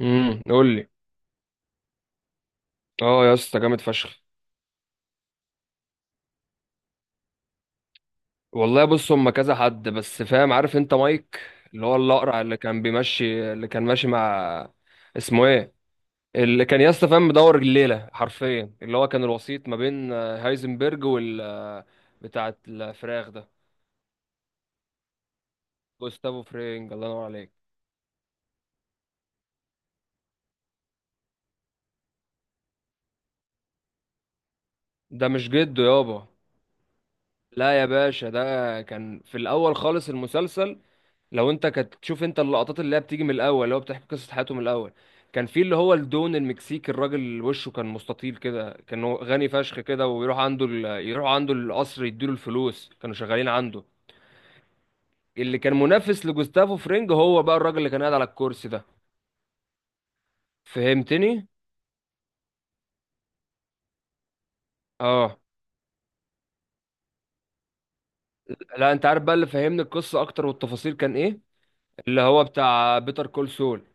قول لي. اه يا اسطى جامد فشخ. والله بص، هم كذا حد بس، فاهم؟ عارف انت مايك، اللي هو الاقرع اللي كان بيمشي اللي كان ماشي مع، اسمه ايه، اللي كان يا اسطى فاهم، مدور الليله حرفيا اللي هو كان الوسيط ما بين هايزنبرج وال بتاعه الفراخ ده. جوستافو فرينج، الله ينور عليك. ده مش جده يابا. لا يا باشا، ده كان في الاول خالص المسلسل. لو انت كنت تشوف انت اللقطات اللي هي بتيجي من الاول، اللي هو بتحكي قصه حياته من الاول. كان في اللي هو الدون المكسيكي، الراجل وشه كان مستطيل كده، كان هو غني فشخ كده، ويروح عنده ال... يروح عنده القصر، يديله الفلوس، كانوا شغالين عنده. اللي كان منافس لجوستافو فرينج هو بقى الراجل اللي كان قاعد على الكرسي ده. فهمتني؟ اه. لا انت عارف بقى اللي فهمني القصه اكتر والتفاصيل كان ايه؟ اللي هو بتاع بيتر كول سول.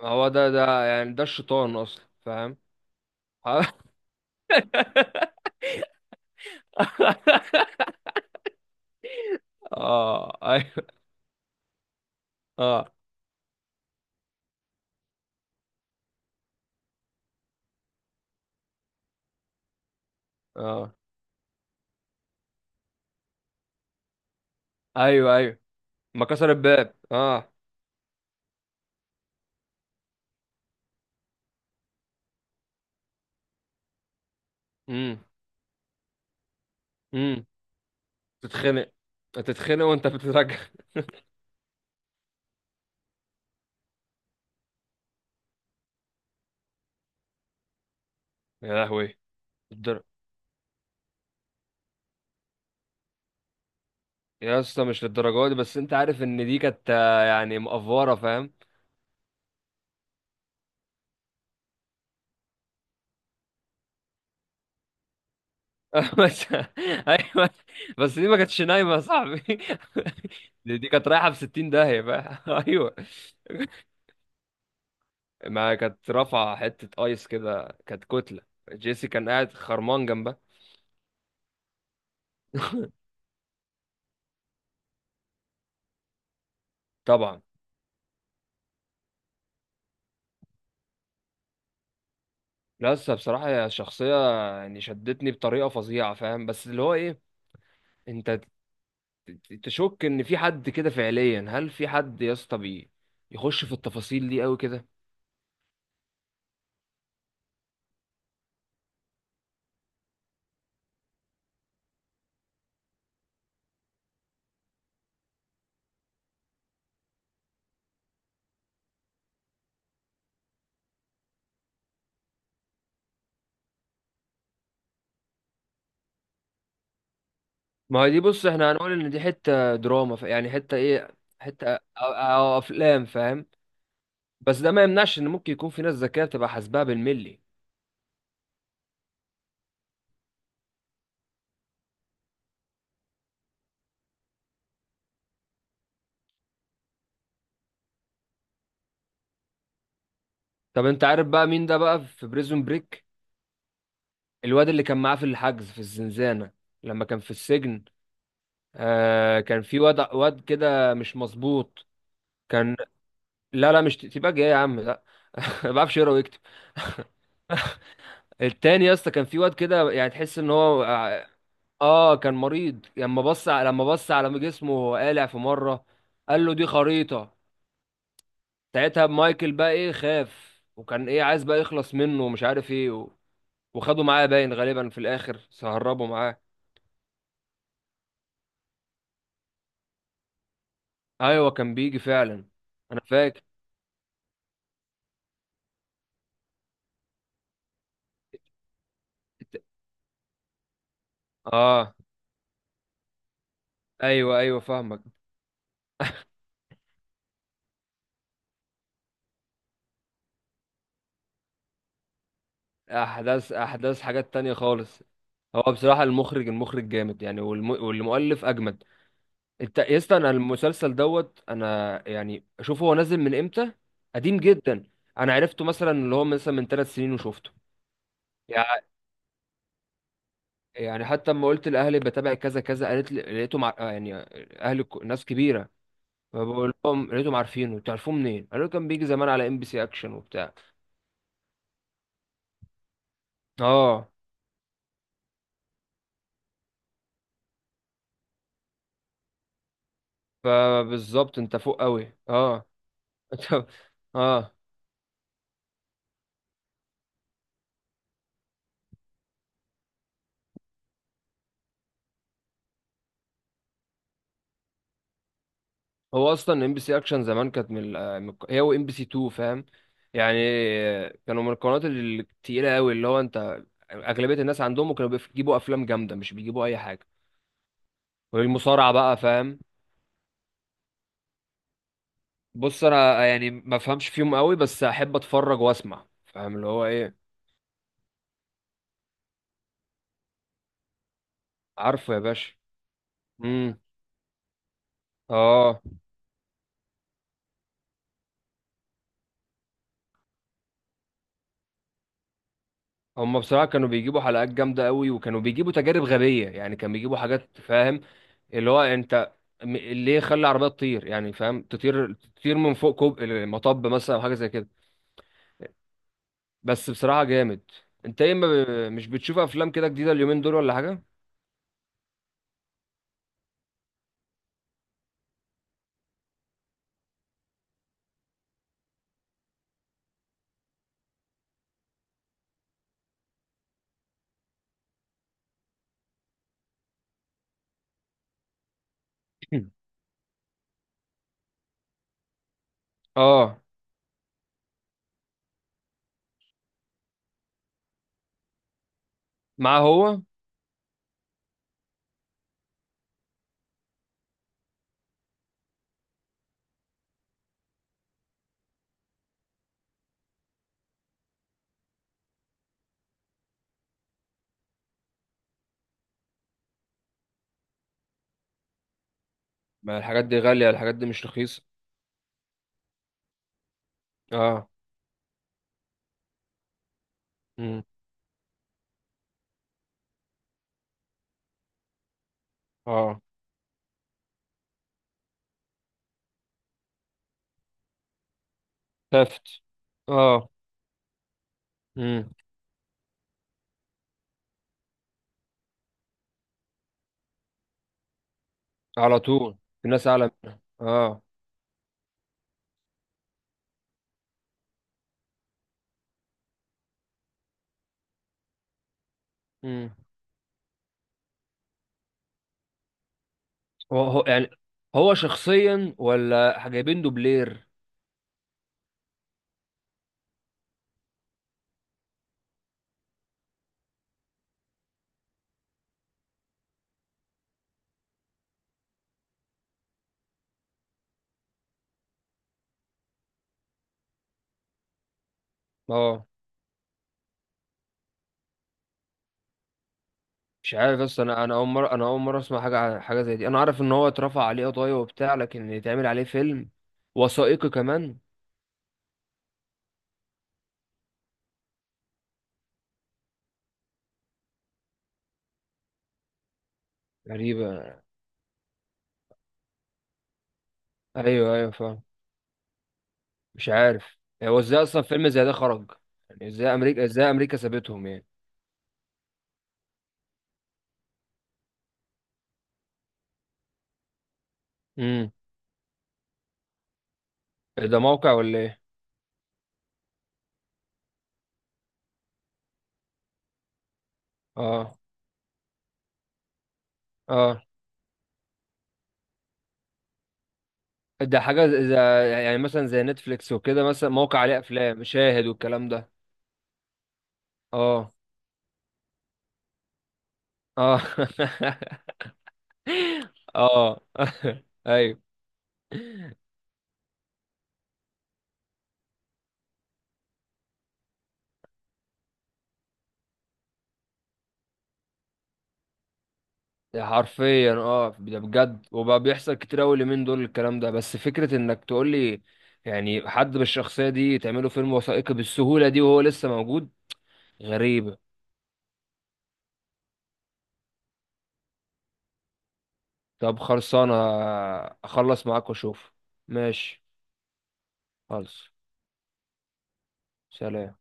هو ده، ده يعني ده الشيطان اصلا، فاهم؟ اه ايوه. اه. اه ايوه ايوه. ما كسر الباب، اه. امم. امم. تتخنق. تتخنق وانت بتترجع. يا لهوي. الدر... يا اسطى مش للدرجه دي، بس انت عارف ان دي كانت يعني مقفوره، فاهم؟ بس. ايوه. بس دي ما كانتش نايمه يا صاحبي. دي كانت رايحه ب 60 داهيه، فاهم؟ ايوه. ما كانت رافعه حته ايس كده، كانت كتله. جيسي كان قاعد خرمان جنبها. طبعا. لا لسه، بصراحة هي شخصية يعني شدتني بطريقة فظيعة، فاهم؟ بس اللي هو ايه، انت تشك ان في حد كده فعليا؟ هل في حد يا اسطى يخش في التفاصيل دي قوي كده؟ ما هي دي بص، احنا هنقول ان دي حتة دراما، يعني حتة ايه، حتة أو افلام، فاهم؟ بس ده ما يمنعش ان ممكن يكون في ناس ذكية بتبقى حاسباها بالملي. طب انت عارف بقى مين ده بقى في بريزون بريك؟ الواد اللي كان معاه في الحجز في الزنزانة لما كان في السجن. آه كان في واد كده مش مظبوط. كان، لا لا مش تباج، ايه يا عم، لا. ما بعرفش يقرا ويكتب. التاني يا اسطى كان في واد كده، يعني تحس ان هو اه، كان مريض. لما لما بص على جسمه وهو قالع في مره، قال له دي خريطه. ساعتها مايكل بقى ايه، خاف، وكان ايه عايز بقى يخلص منه، ومش عارف ايه و... وخده معاه باين غالبا في الاخر سهربه معاه. ايوه كان بيجي فعلا. انا فاكر. اه ايوه ايوه فاهمك. احداث، احداث حاجات تانية خالص. هو بصراحة المخرج، المخرج جامد يعني، والمؤلف اجمد. انت يا اسطى، انا المسلسل دوت انا، يعني شوف هو نازل من امتى. قديم جدا. انا عرفته مثلا اللي هو مثلا من ثلاث سنين وشفته. يع- يعني حتى لما قلت لاهلي بتابع كذا كذا، قالت لي لقيتهم مع... يعني اهلي ناس كبيرة. فبقول لهم لقيتهم عارفينه، تعرفوه منين؟ قالوا لي كان بيجي زمان على ام بي سي اكشن وبتاع. اه. فبالظبط انت فوق قوي، اه. اه. هو اصلا ام بي سي اكشن زمان كانت من من هي وام بي سي 2، فاهم؟ يعني كانوا من القنوات التقيله قوي، اللي هو انت اغلبيه الناس عندهم كانوا بيجيبوا افلام جامده، مش بيجيبوا اي حاجه. والمصارعه بقى، فاهم؟ بص انا يعني ما فهمش فيهم قوي، بس احب اتفرج واسمع، فاهم؟ اللي هو ايه، عارفه يا باشا. امم. اه. هم بصراحه كانوا بيجيبوا حلقات جامده قوي، وكانوا بيجيبوا تجارب غبيه يعني، كانوا بيجيبوا حاجات، فاهم؟ اللي هو انت ليه خلي العربيه تطير يعني، فاهم؟ تطير تطير من فوق كوب المطب مثلا او حاجه زي كده. بس بصراحه جامد. انت ايه، ما ب... مش بتشوف افلام كده جديده اليومين دول ولا حاجه؟ اه. معاه هو. ما الحاجات دي غاليه، الحاجات دي مش رخيصه. اه. امم. اه. ثفت. اه. امم. على طول. الناس اعلى منها، اه. امم. يعني هو شخصيا ولا جايبين دوبلير؟ اه مش عارف، بس انا اول مره، انا اول مره اسمع حاجه عن حاجه زي دي. انا عارف ان هو اترفع عليه قضايا وبتاع، لكن يتعمل عليه فيلم وثائقي كمان؟ غريبه. ايوه ايوه فاهم. مش عارف. هو ازاي اصلا فيلم زي ده خرج؟ يعني ازاي امريكا، ازاي امريكا سابتهم يعني. امم. ده موقع ولا ايه؟ اه. اه. ده حاجه زي يعني مثلا زي نتفليكس وكده، مثلا موقع عليه افلام شاهد والكلام ده. اه. اه. اه. ايوه. حرفيا اه، ده بجد وبقى بيحصل كتير قوي اليومين دول الكلام ده. بس فكرة انك تقول لي يعني حد بالشخصية دي تعمله فيلم وثائقي بالسهولة دي وهو لسه موجود، غريبة. طب خلصانة. اخلص معاك واشوف. ماشي. خلص. سلام.